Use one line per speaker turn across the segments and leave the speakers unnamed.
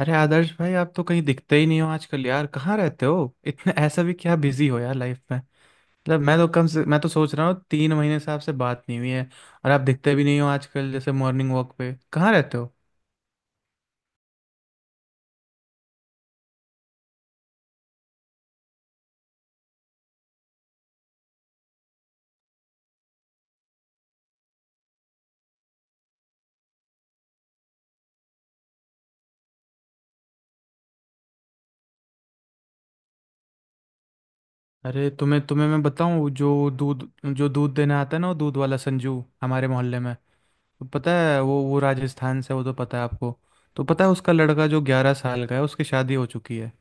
अरे आदर्श भाई, आप तो कहीं दिखते ही नहीं हो आजकल यार। कहाँ रहते हो? इतने ऐसा भी क्या बिजी हो यार लाइफ में? मतलब मैं तो कम से मैं तो सोच रहा हूँ 3 महीने से आपसे बात नहीं हुई है। और आप दिखते भी नहीं हो आजकल, जैसे मॉर्निंग वॉक पे कहाँ रहते हो? अरे तुम्हें तुम्हें मैं बताऊँ, जो दूध देने आता है ना, वो दूध वाला संजू हमारे मोहल्ले में। तो पता है वो राजस्थान से, वो तो पता है आपको। तो पता है उसका लड़का जो 11 साल का है, उसकी शादी हो चुकी है।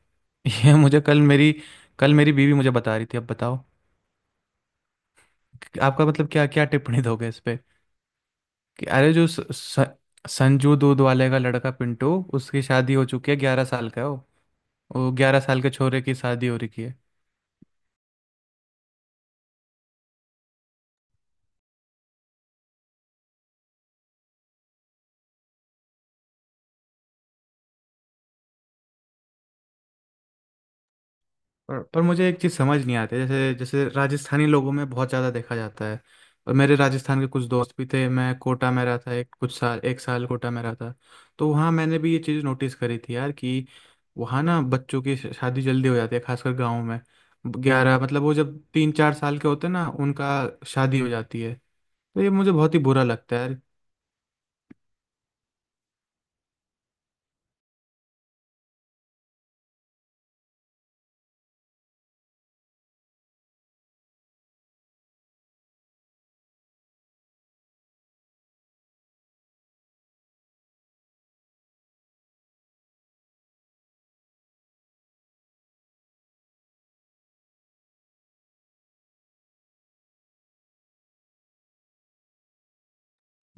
ये मुझे कल मेरी, कल मेरी बीवी मुझे बता रही थी। अब बताओ आपका मतलब क्या क्या टिप्पणी दोगे इस पे? कि अरे जो स, स, संजू दूध वाले का लड़का पिंटू, उसकी शादी हो चुकी है। 11 साल का है वो। वो 11 साल के छोरे की शादी हो रखी है। पर मुझे एक चीज़ समझ नहीं आती, जैसे जैसे राजस्थानी लोगों में बहुत ज़्यादा देखा जाता है। और मेरे राजस्थान के कुछ दोस्त भी थे, मैं कोटा में रहा था, एक कुछ साल एक साल कोटा में रहा था। तो वहाँ मैंने भी ये चीज़ नोटिस करी थी यार, कि वहाँ ना बच्चों की शादी जल्दी हो जाती है, खासकर गाँव में। ग्यारह मतलब वो जब 3-4 साल के होते हैं ना, उनका शादी हो जाती है। तो ये मुझे बहुत ही बुरा लगता है यार।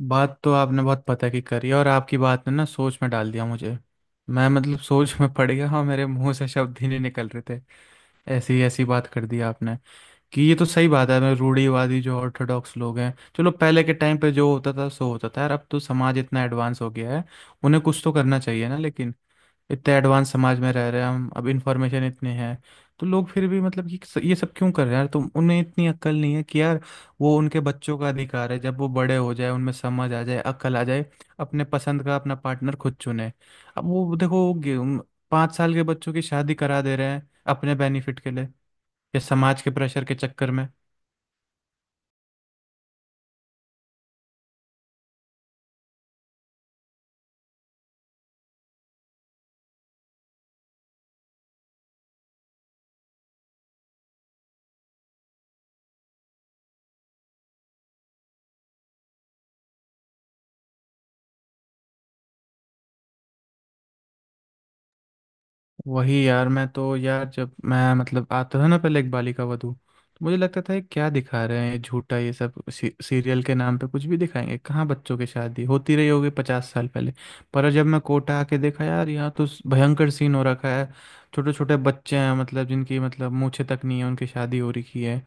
बात तो आपने बहुत पता की करी है, और आपकी बात ने ना सोच में डाल दिया मुझे। मैं मतलब सोच में पड़ गया, हाँ, मेरे मुंह से शब्द ही नहीं निकल रहे थे। ऐसी ऐसी बात कर दी आपने कि ये तो सही बात है। मैं रूढ़िवादी जो ऑर्थोडॉक्स लोग हैं, चलो पहले के टाइम पे जो होता था सो होता था यार, अब तो समाज इतना एडवांस हो गया है। उन्हें कुछ तो करना चाहिए ना, लेकिन इतने एडवांस समाज में रह रहे हैं हम, अब इन्फॉर्मेशन इतनी है। तो लोग फिर भी मतलब कि ये सब क्यों कर रहे हैं यार? तुम उन्हें इतनी अक्ल नहीं है कि यार, वो उनके बच्चों का अधिकार है। जब वो बड़े हो जाए, उनमें समझ आ जाए, अक्ल आ जाए, अपने पसंद का अपना पार्टनर खुद चुने। अब वो देखो वो 5 साल के बच्चों की शादी करा दे रहे हैं अपने बेनिफिट के लिए, या समाज के प्रेशर के चक्कर में। वही यार, मैं तो यार जब मैं मतलब आता था ना पहले इकबाली का वधू, तो मुझे लगता था ये क्या दिखा रहे हैं, ये झूठा, ये सब सीरियल के नाम पे कुछ भी दिखाएंगे। कहाँ बच्चों की शादी होती रही होगी 50 साल पहले? पर जब मैं कोटा आके देखा यार, यहाँ तो भयंकर सीन हो रखा है। छोटे छोटे बच्चे हैं, मतलब जिनकी मतलब मूछें तक नहीं है उनकी शादी हो रखी है।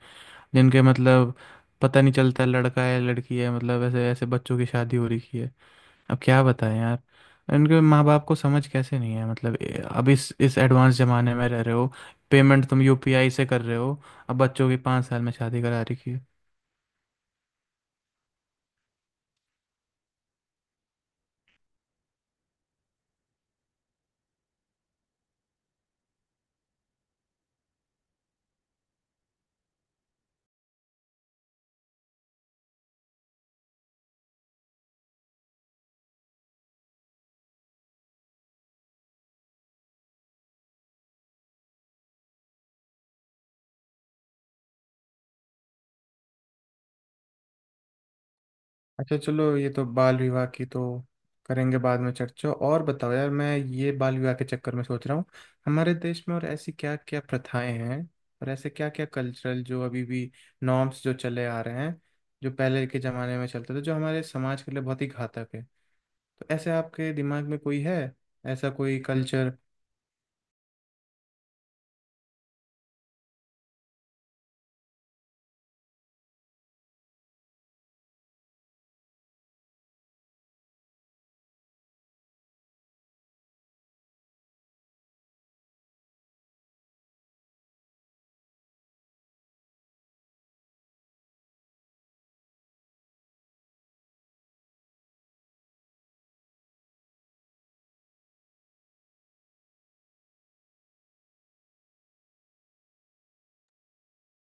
जिनके मतलब पता नहीं चलता लड़का है लड़की है, मतलब ऐसे ऐसे बच्चों की शादी हो रखी है। अब क्या बताएं यार, इनके माँ बाप को समझ कैसे नहीं है? मतलब अब इस एडवांस ज़माने में रह रहे हो। पेमेंट तुम यूपीआई से कर रहे हो, अब बच्चों की 5 साल में शादी करा रखी है। अच्छा चलो, ये तो बाल विवाह की तो करेंगे बाद में चर्चा। और बताओ यार, मैं ये बाल विवाह के चक्कर में सोच रहा हूँ हमारे देश में और ऐसी क्या क्या प्रथाएं हैं, और ऐसे क्या क्या कल्चरल जो अभी भी नॉर्म्स जो चले आ रहे हैं, जो पहले के जमाने में चलते थे, जो हमारे समाज के लिए बहुत ही घातक है। तो ऐसे आपके दिमाग में कोई है ऐसा कोई कल्चर?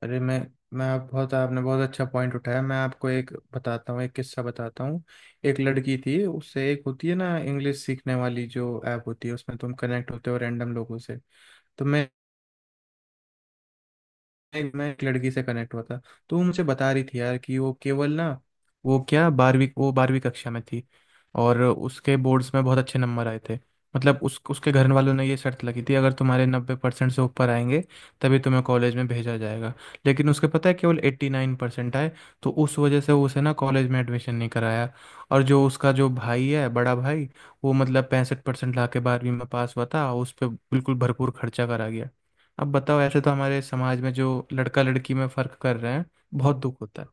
अरे मैं आप बहुत आपने बहुत अच्छा पॉइंट उठाया। मैं आपको एक बताता हूँ, एक किस्सा बताता हूँ। एक लड़की थी, उससे, एक होती है ना इंग्लिश सीखने वाली जो ऐप होती है, उसमें तुम कनेक्ट होते हो रैंडम लोगों से। तो मैं एक लड़की से कनेक्ट हुआ था। तो वो मुझे बता रही थी यार कि वो केवल ना, वो क्या बारहवीं, वो बारहवीं कक्षा में थी, और उसके बोर्ड्स में बहुत अच्छे नंबर आए थे। मतलब उस उसके घर वालों ने ये शर्त लगी थी, अगर तुम्हारे 90% से ऊपर आएंगे तभी तुम्हें कॉलेज में भेजा जाएगा। लेकिन उसके पता है केवल 89% आए, तो उस वजह से उसे ना कॉलेज में एडमिशन नहीं कराया। और जो उसका जो भाई है, बड़ा भाई, वो मतलब 65% ला के बारहवीं में पास हुआ था, उस पर बिल्कुल भरपूर खर्चा करा गया। अब बताओ, ऐसे तो हमारे समाज में जो लड़का लड़की में फर्क कर रहे हैं, बहुत दुख होता है।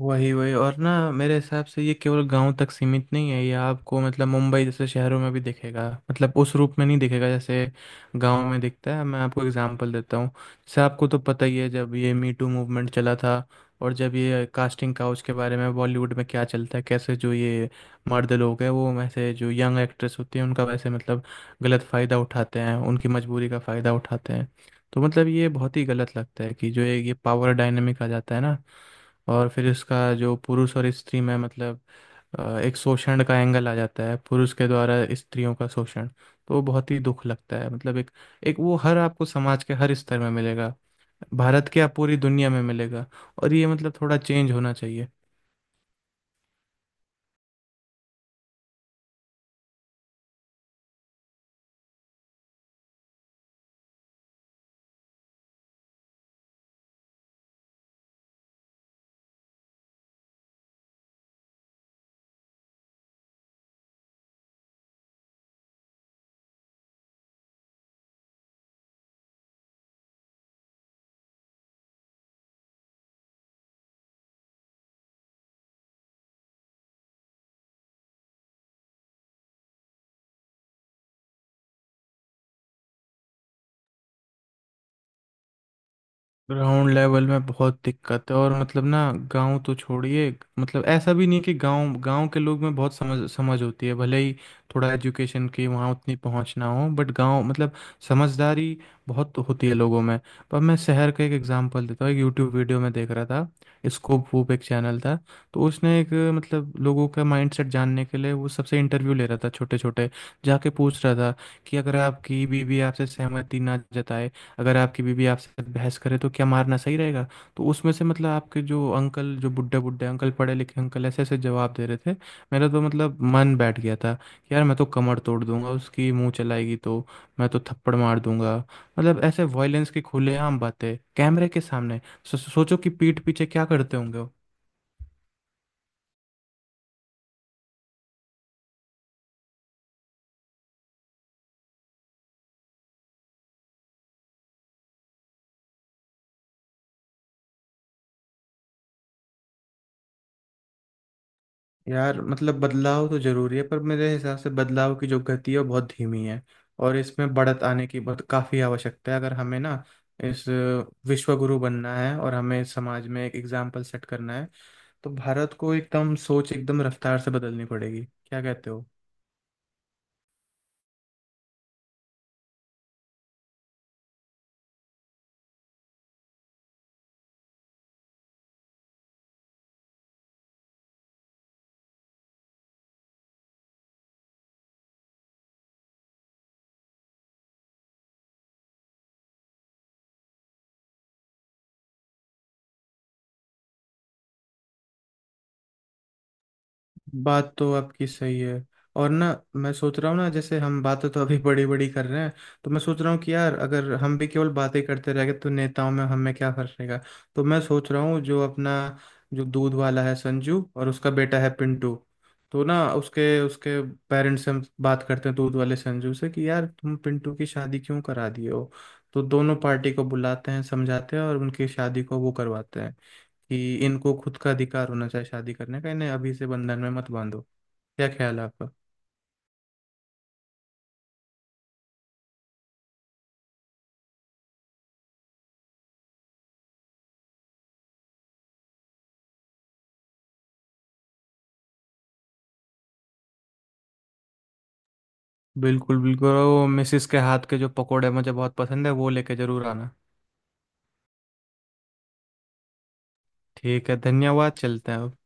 वही वही, और ना मेरे हिसाब से ये केवल गांव तक सीमित नहीं है, ये आपको मतलब मुंबई जैसे शहरों में भी दिखेगा। मतलब उस रूप में नहीं दिखेगा जैसे गांव में दिखता है। मैं आपको एग्जांपल देता हूँ, जैसे आपको तो पता ही है जब ये मी टू मूवमेंट चला था, और जब ये कास्टिंग काउच के बारे में बॉलीवुड में क्या चलता है कैसे, जो ये मर्द लोग हैं वो वैसे, जो यंग एक्ट्रेस होती हैं उनका वैसे मतलब गलत फ़ायदा उठाते हैं, उनकी मजबूरी का फ़ायदा उठाते हैं। तो मतलब ये बहुत ही गलत लगता है कि जो एक ये पावर डायनेमिक आ जाता है ना, और फिर इसका जो पुरुष और स्त्री में मतलब एक शोषण का एंगल आ जाता है, पुरुष के द्वारा स्त्रियों का शोषण। तो वो बहुत ही दुख लगता है। मतलब एक एक वो हर आपको समाज के हर स्तर में मिलेगा, भारत के, आप पूरी दुनिया में मिलेगा। और ये मतलब थोड़ा चेंज होना चाहिए। ग्राउंड लेवल में बहुत दिक्कत है, और मतलब ना गांव तो छोड़िए, मतलब ऐसा भी नहीं कि गांव गांव के लोग में बहुत समझ समझ होती है। भले ही थोड़ा एजुकेशन की वहाँ उतनी पहुँच ना हो, बट गांव मतलब समझदारी बहुत होती है लोगों में। पर मैं शहर का एक एग्जांपल देता हूँ, एक यूट्यूब वीडियो में देख रहा था, स्कोप वूप एक चैनल था। तो उसने एक मतलब लोगों का माइंडसेट जानने के लिए वो सबसे इंटरव्यू ले रहा था, छोटे छोटे जाके पूछ रहा था कि अगर आपकी बीवी आपसे सहमति ना जताए, अगर आपकी बीवी आपसे बहस करे, तो क्या मारना सही रहेगा? तो उसमें से मतलब आपके जो अंकल, जो बुढ़े बुड्ढे अंकल, पढ़े लिखे अंकल, ऐसे ऐसे जवाब दे रहे थे। मेरा तो मतलब मन बैठ गया था कि यार मैं तो कमर तोड़ दूंगा उसकी, मुंह चलाएगी तो मैं तो थप्पड़ मार दूंगा। मतलब ऐसे वायलेंस की खुलेआम बातें कैमरे के सामने, सोचो कि पीठ पीछे क्या करते होंगे? यार मतलब बदलाव तो जरूरी है, पर मेरे हिसाब से बदलाव की जो गति है वो बहुत धीमी है, और इसमें बढ़त आने की बहुत काफ़ी आवश्यकता है। अगर हमें ना इस विश्व गुरु बनना है और हमें समाज में एक एग्जाम्पल सेट करना है, तो भारत को एकदम सोच एकदम रफ्तार से बदलनी पड़ेगी। क्या कहते हो? बात तो आपकी सही है। और ना, मैं सोच रहा हूँ ना, जैसे हम बातें तो अभी बड़ी बड़ी कर रहे हैं, तो मैं सोच रहा हूँ कि यार अगर हम भी केवल बातें करते रह गए, तो नेताओं में हमें क्या फर्क रहेगा? तो मैं सोच रहा हूँ, जो अपना जो दूध वाला है संजू और उसका बेटा है पिंटू, तो ना उसके उसके पेरेंट्स से हम बात करते हैं, दूध वाले संजू से, कि यार तुम पिंटू की शादी क्यों करा दिए हो? तो दोनों पार्टी को बुलाते हैं, समझाते हैं, और उनकी शादी को वो करवाते हैं, कि इनको खुद का अधिकार होना चाहिए शादी करने का, इन्हें अभी से बंधन में मत बांधो। क्या ख्याल है आपका? बिल्कुल बिल्कुल, और वो मिसिस के हाथ के जो पकोड़े मुझे बहुत पसंद है वो लेके जरूर आना। ठीक है, धन्यवाद, चलते हैं अब।